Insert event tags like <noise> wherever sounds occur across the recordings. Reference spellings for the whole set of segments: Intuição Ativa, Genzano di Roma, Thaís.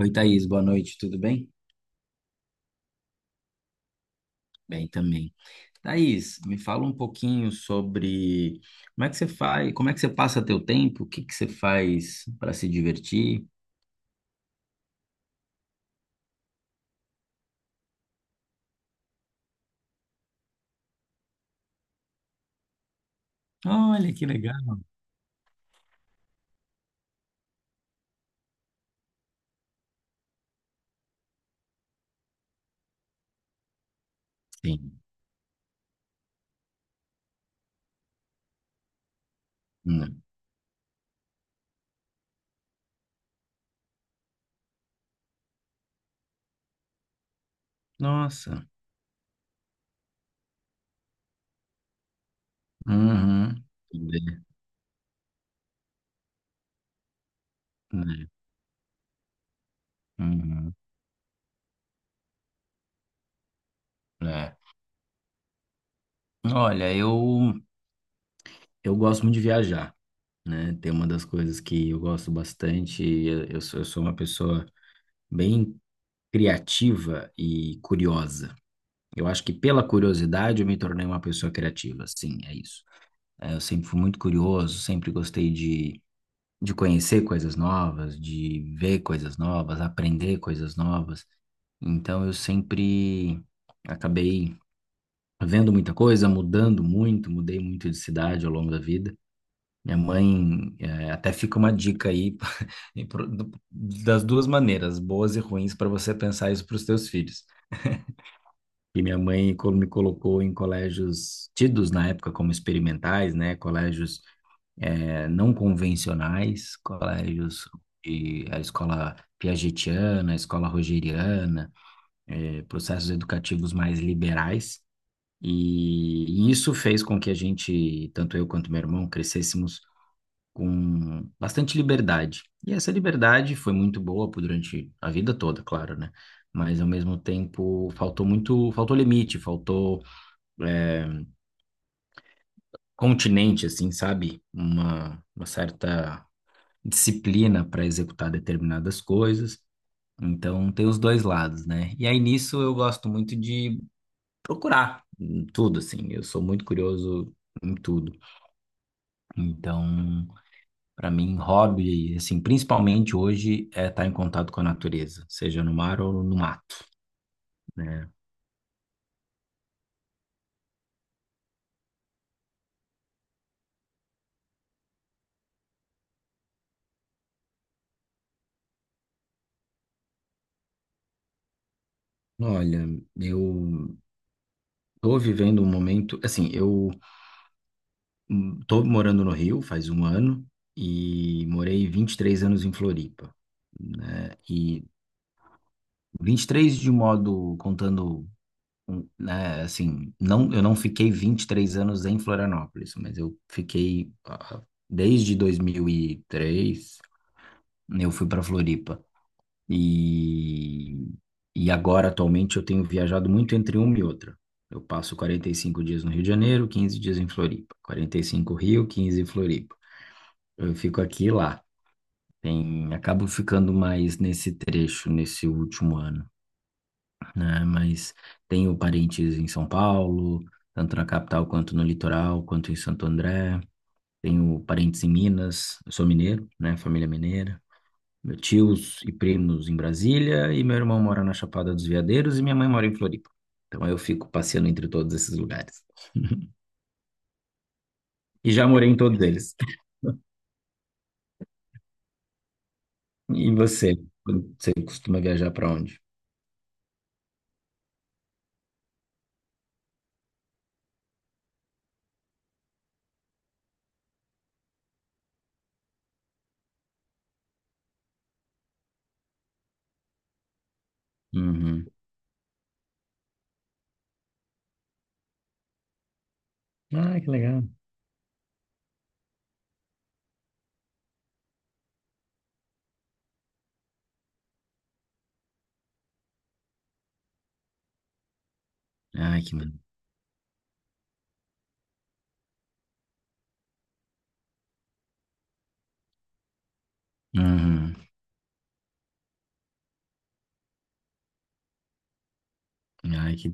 Oi, Thaís, boa noite, tudo bem? Bem também. Thaís, me fala um pouquinho sobre como é que você faz, como é que você passa teu tempo, o que que você faz para se divertir? Olha, que legal. Sim. Hum. Nossa. Uhum. Né? Uhum. É. Olha, eu gosto muito de viajar, né? Tem uma das coisas que eu gosto bastante, eu sou uma pessoa bem criativa e curiosa. Eu acho que pela curiosidade eu me tornei uma pessoa criativa, sim, é isso. É, eu sempre fui muito curioso, sempre gostei de conhecer coisas novas, de ver coisas novas, aprender coisas novas. Então eu sempre acabei vendo muita coisa, mudando muito, mudei muito de cidade ao longo da vida. Minha mãe, é, até fica uma dica aí <laughs> e das duas maneiras, boas e ruins, para você pensar isso para os seus filhos. E minha mãe me colocou em colégios tidos na época como experimentais, né? Colégios não convencionais, colégios de a escola piagetiana, a escola rogeriana, processos educativos mais liberais. E isso fez com que a gente, tanto eu quanto meu irmão, crescêssemos com bastante liberdade. E essa liberdade foi muito boa durante a vida toda, claro, né? Mas ao mesmo tempo faltou muito, faltou limite, faltou é, continente, assim, sabe? Uma certa disciplina para executar determinadas coisas. Então, tem os dois lados, né? E aí nisso eu gosto muito de procurar em tudo, assim. Eu sou muito curioso em tudo. Então, para mim, hobby, assim, principalmente hoje, é estar em contato com a natureza, seja no mar ou no mato, né? Olha, eu tô vivendo um momento, assim, eu hum, tô morando no Rio faz um ano e morei 23 anos em Floripa, né? E 23 de modo contando, um, né, assim, não, eu não fiquei 23 anos em Florianópolis, mas eu fiquei desde 2003, eu fui para Floripa. E e agora atualmente eu tenho viajado muito entre uma e outra. Eu passo 45 dias no Rio de Janeiro, 15 dias em Floripa. 45 Rio, 15 em Floripa. Eu fico aqui e lá. Tem, acabo ficando mais nesse trecho, nesse último ano, né? Mas tenho parentes em São Paulo, tanto na capital quanto no litoral, quanto em Santo André. Tenho parentes em Minas, eu sou mineiro, né? Família mineira. Meus tios e primos em Brasília, e meu irmão mora na Chapada dos Veadeiros, e minha mãe mora em Floripa. Então eu fico passeando entre todos esses lugares. E já morei em todos eles. <laughs> E você? Você costuma viajar para onde? Uhum. Ah, que legal. Ai, que. Uhum. Ai, que.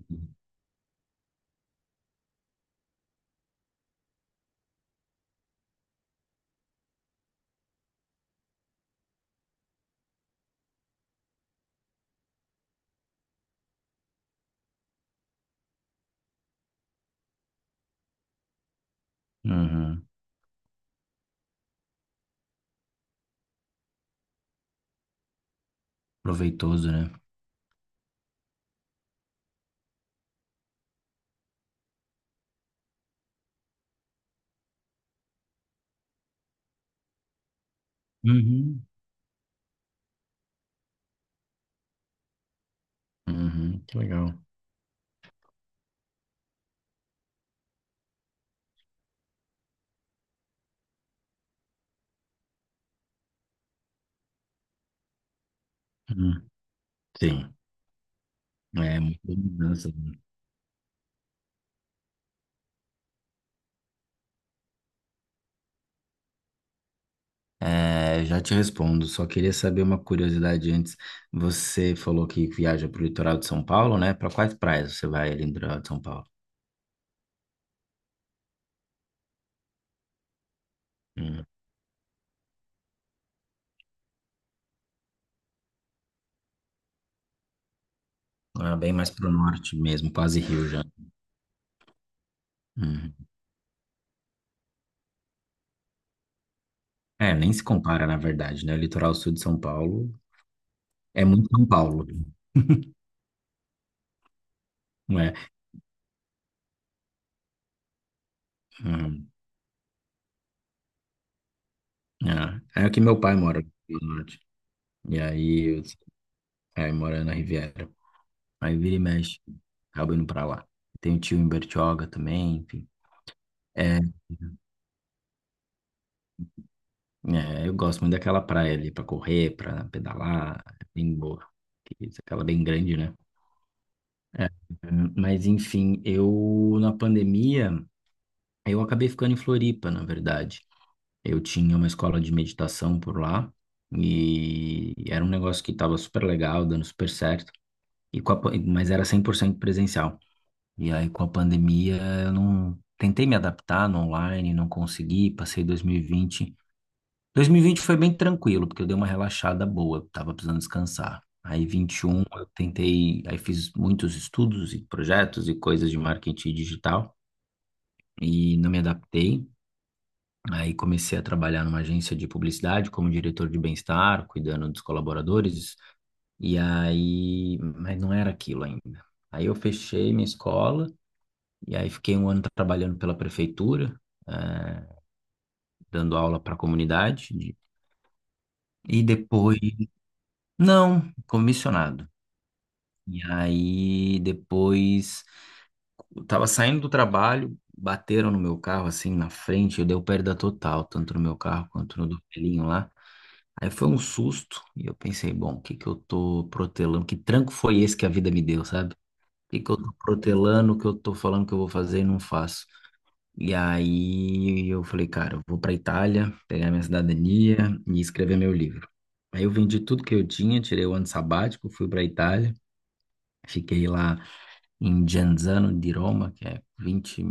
Uhum. Proveitoso, né? Uhum. Uhum. Que legal. Uhum. Sim. É, muita mudança, né? É, já te respondo, só queria saber uma curiosidade antes. Você falou que viaja para o litoral de São Paulo, né? Para quais praias você vai ali no litoral de São Paulo? Hum. Ah, bem mais para o norte mesmo, quase Rio já. Uhum. É, nem se compara, na verdade, né? O litoral sul de São Paulo é muito São Paulo, não é? É, é que meu pai mora no norte. E aí, aí mora na Riviera. Aí vira e mexe, acabo indo pra lá. Tem um tio em Bertioga também, enfim. É, é, eu gosto muito daquela praia ali pra correr, pra pedalar, é bem boa. Que isso, aquela bem grande, né? É, mas enfim, eu na pandemia, eu acabei ficando em Floripa, na verdade. Eu tinha uma escola de meditação por lá e era um negócio que estava super legal, dando super certo. E com a mas era 100% presencial. E aí, com a pandemia, eu não tentei me adaptar no online, não consegui. Passei 2020. 2020 foi bem tranquilo, porque eu dei uma relaxada boa, eu tava precisando descansar. Aí, 21, eu tentei, aí fiz muitos estudos e projetos e coisas de marketing digital e não me adaptei. Aí comecei a trabalhar numa agência de publicidade como diretor de bem-estar, cuidando dos colaboradores. E aí, mas não era aquilo ainda. Aí eu fechei minha escola. E aí fiquei um ano trabalhando pela prefeitura, eh, dando aula para a comunidade. E depois, não, comissionado. E aí depois, eu tava saindo do trabalho, bateram no meu carro assim na frente, eu dei o perda total, tanto no meu carro quanto no do velhinho lá. Aí foi um susto e eu pensei, bom, o que que eu tô protelando? Que tranco foi esse que a vida me deu, sabe? O que que eu tô protelando, o que eu tô falando que eu vou fazer e não faço? E aí eu falei, cara, eu vou para Itália, pegar minha cidadania e escrever meu livro. Aí eu vendi tudo que eu tinha, tirei o ano sabático, fui para Itália, fiquei lá em Genzano di Roma, que é vinte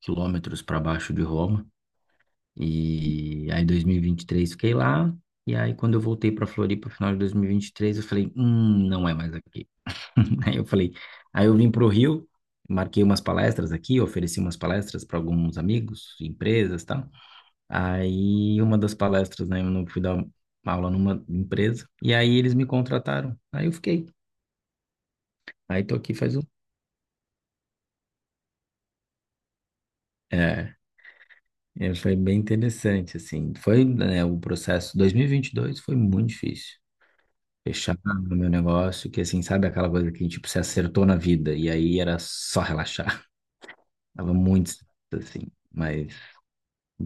quilômetros para baixo de Roma. E aí em 2023 fiquei lá. E aí quando eu voltei para Floripa, final de 2023, eu falei, não é mais aqui. <laughs> Aí eu falei, aí eu vim para o Rio, marquei umas palestras aqui, ofereci umas palestras para alguns amigos, empresas, tá. Aí, uma das palestras, né, eu não fui dar uma aula numa empresa, e aí eles me contrataram. Aí eu fiquei. Aí tô aqui faz um. É, é, foi bem interessante, assim. Foi, né, o processo 2022 foi muito difícil. Fechar o meu negócio, que assim, sabe aquela coisa que, tipo, se acertou na vida, e aí era só relaxar. <laughs> Tava muito, estressado, assim. Mas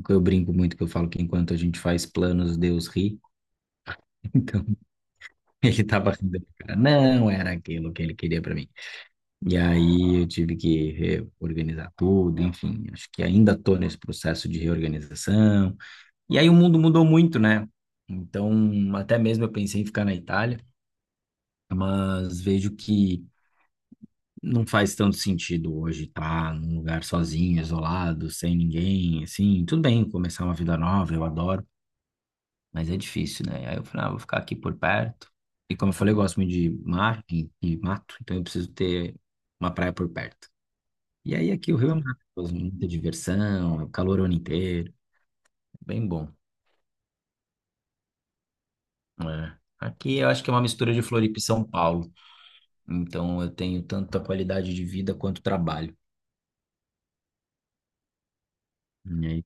eu brinco muito que eu falo que enquanto a gente faz planos, Deus ri. <laughs> Então, ele tava rindo. Cara, não era aquilo que ele queria pra mim. E aí eu tive que reorganizar tudo, enfim, acho que ainda estou nesse processo de reorganização. E aí o mundo mudou muito, né? Então, até mesmo eu pensei em ficar na Itália, mas vejo que não faz tanto sentido hoje estar num lugar sozinho, isolado, sem ninguém, assim. Tudo bem, começar uma vida nova, eu adoro, mas é difícil, né? Aí eu falei, ah, vou ficar aqui por perto. E como eu falei, eu gosto muito de mar e mato, então eu preciso ter uma praia por perto. E aí aqui o Rio é maravilhoso, muita diversão, é o calor o ano inteiro, bem bom. Né? Aqui eu acho que é uma mistura de Floripa e São Paulo, então eu tenho tanto a qualidade de vida quanto o trabalho. E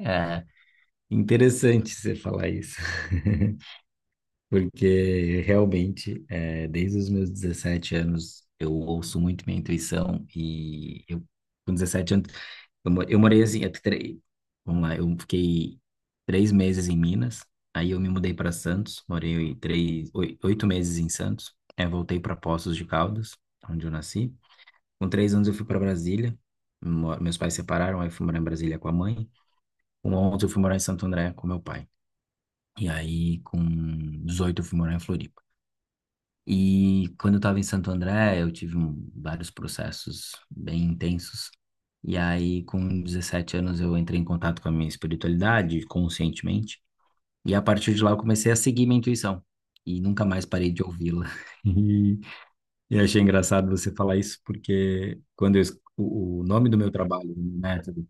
é interessante você falar isso, <laughs> porque realmente, é, desde os meus 17 anos, eu ouço muito minha intuição e eu, com 17 anos eu, eu morei assim, vamos lá, eu fiquei 3 meses em Minas, aí eu me mudei para Santos, morei 8 meses em Santos, aí voltei para Poços de Caldas, onde eu nasci. Com 3 anos eu fui para Brasília, meus pais separaram, aí eu fui morar em Brasília com a mãe. Com 11 eu fui morar em Santo André com meu pai. E aí com 18 eu fui morar em Floripa. E quando eu estava em Santo André, eu tive vários processos bem intensos. E aí, com 17 anos, eu entrei em contato com a minha espiritualidade, conscientemente. E a partir de lá, eu comecei a seguir minha intuição. E nunca mais parei de ouvi-la. <laughs> E eu achei engraçado você falar isso, porque quando eu, o nome do meu trabalho, do meu método,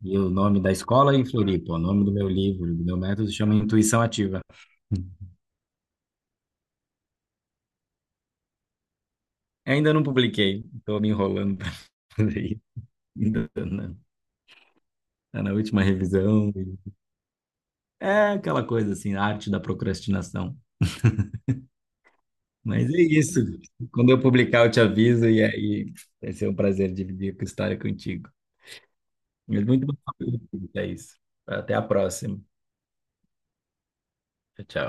e o nome da escola em Floripa, o nome do meu livro, do meu método, chama Intuição Ativa. <laughs> Ainda não publiquei, estou me enrolando <laughs> para fazer. Ainda, né? Tá na última revisão. É aquela coisa assim, a arte da procrastinação. Mas é isso. Quando eu publicar, eu te aviso e aí vai ser um prazer dividir a história contigo. Mas muito bom falar contigo, Thaís. Até a próxima. Tchau, tchau.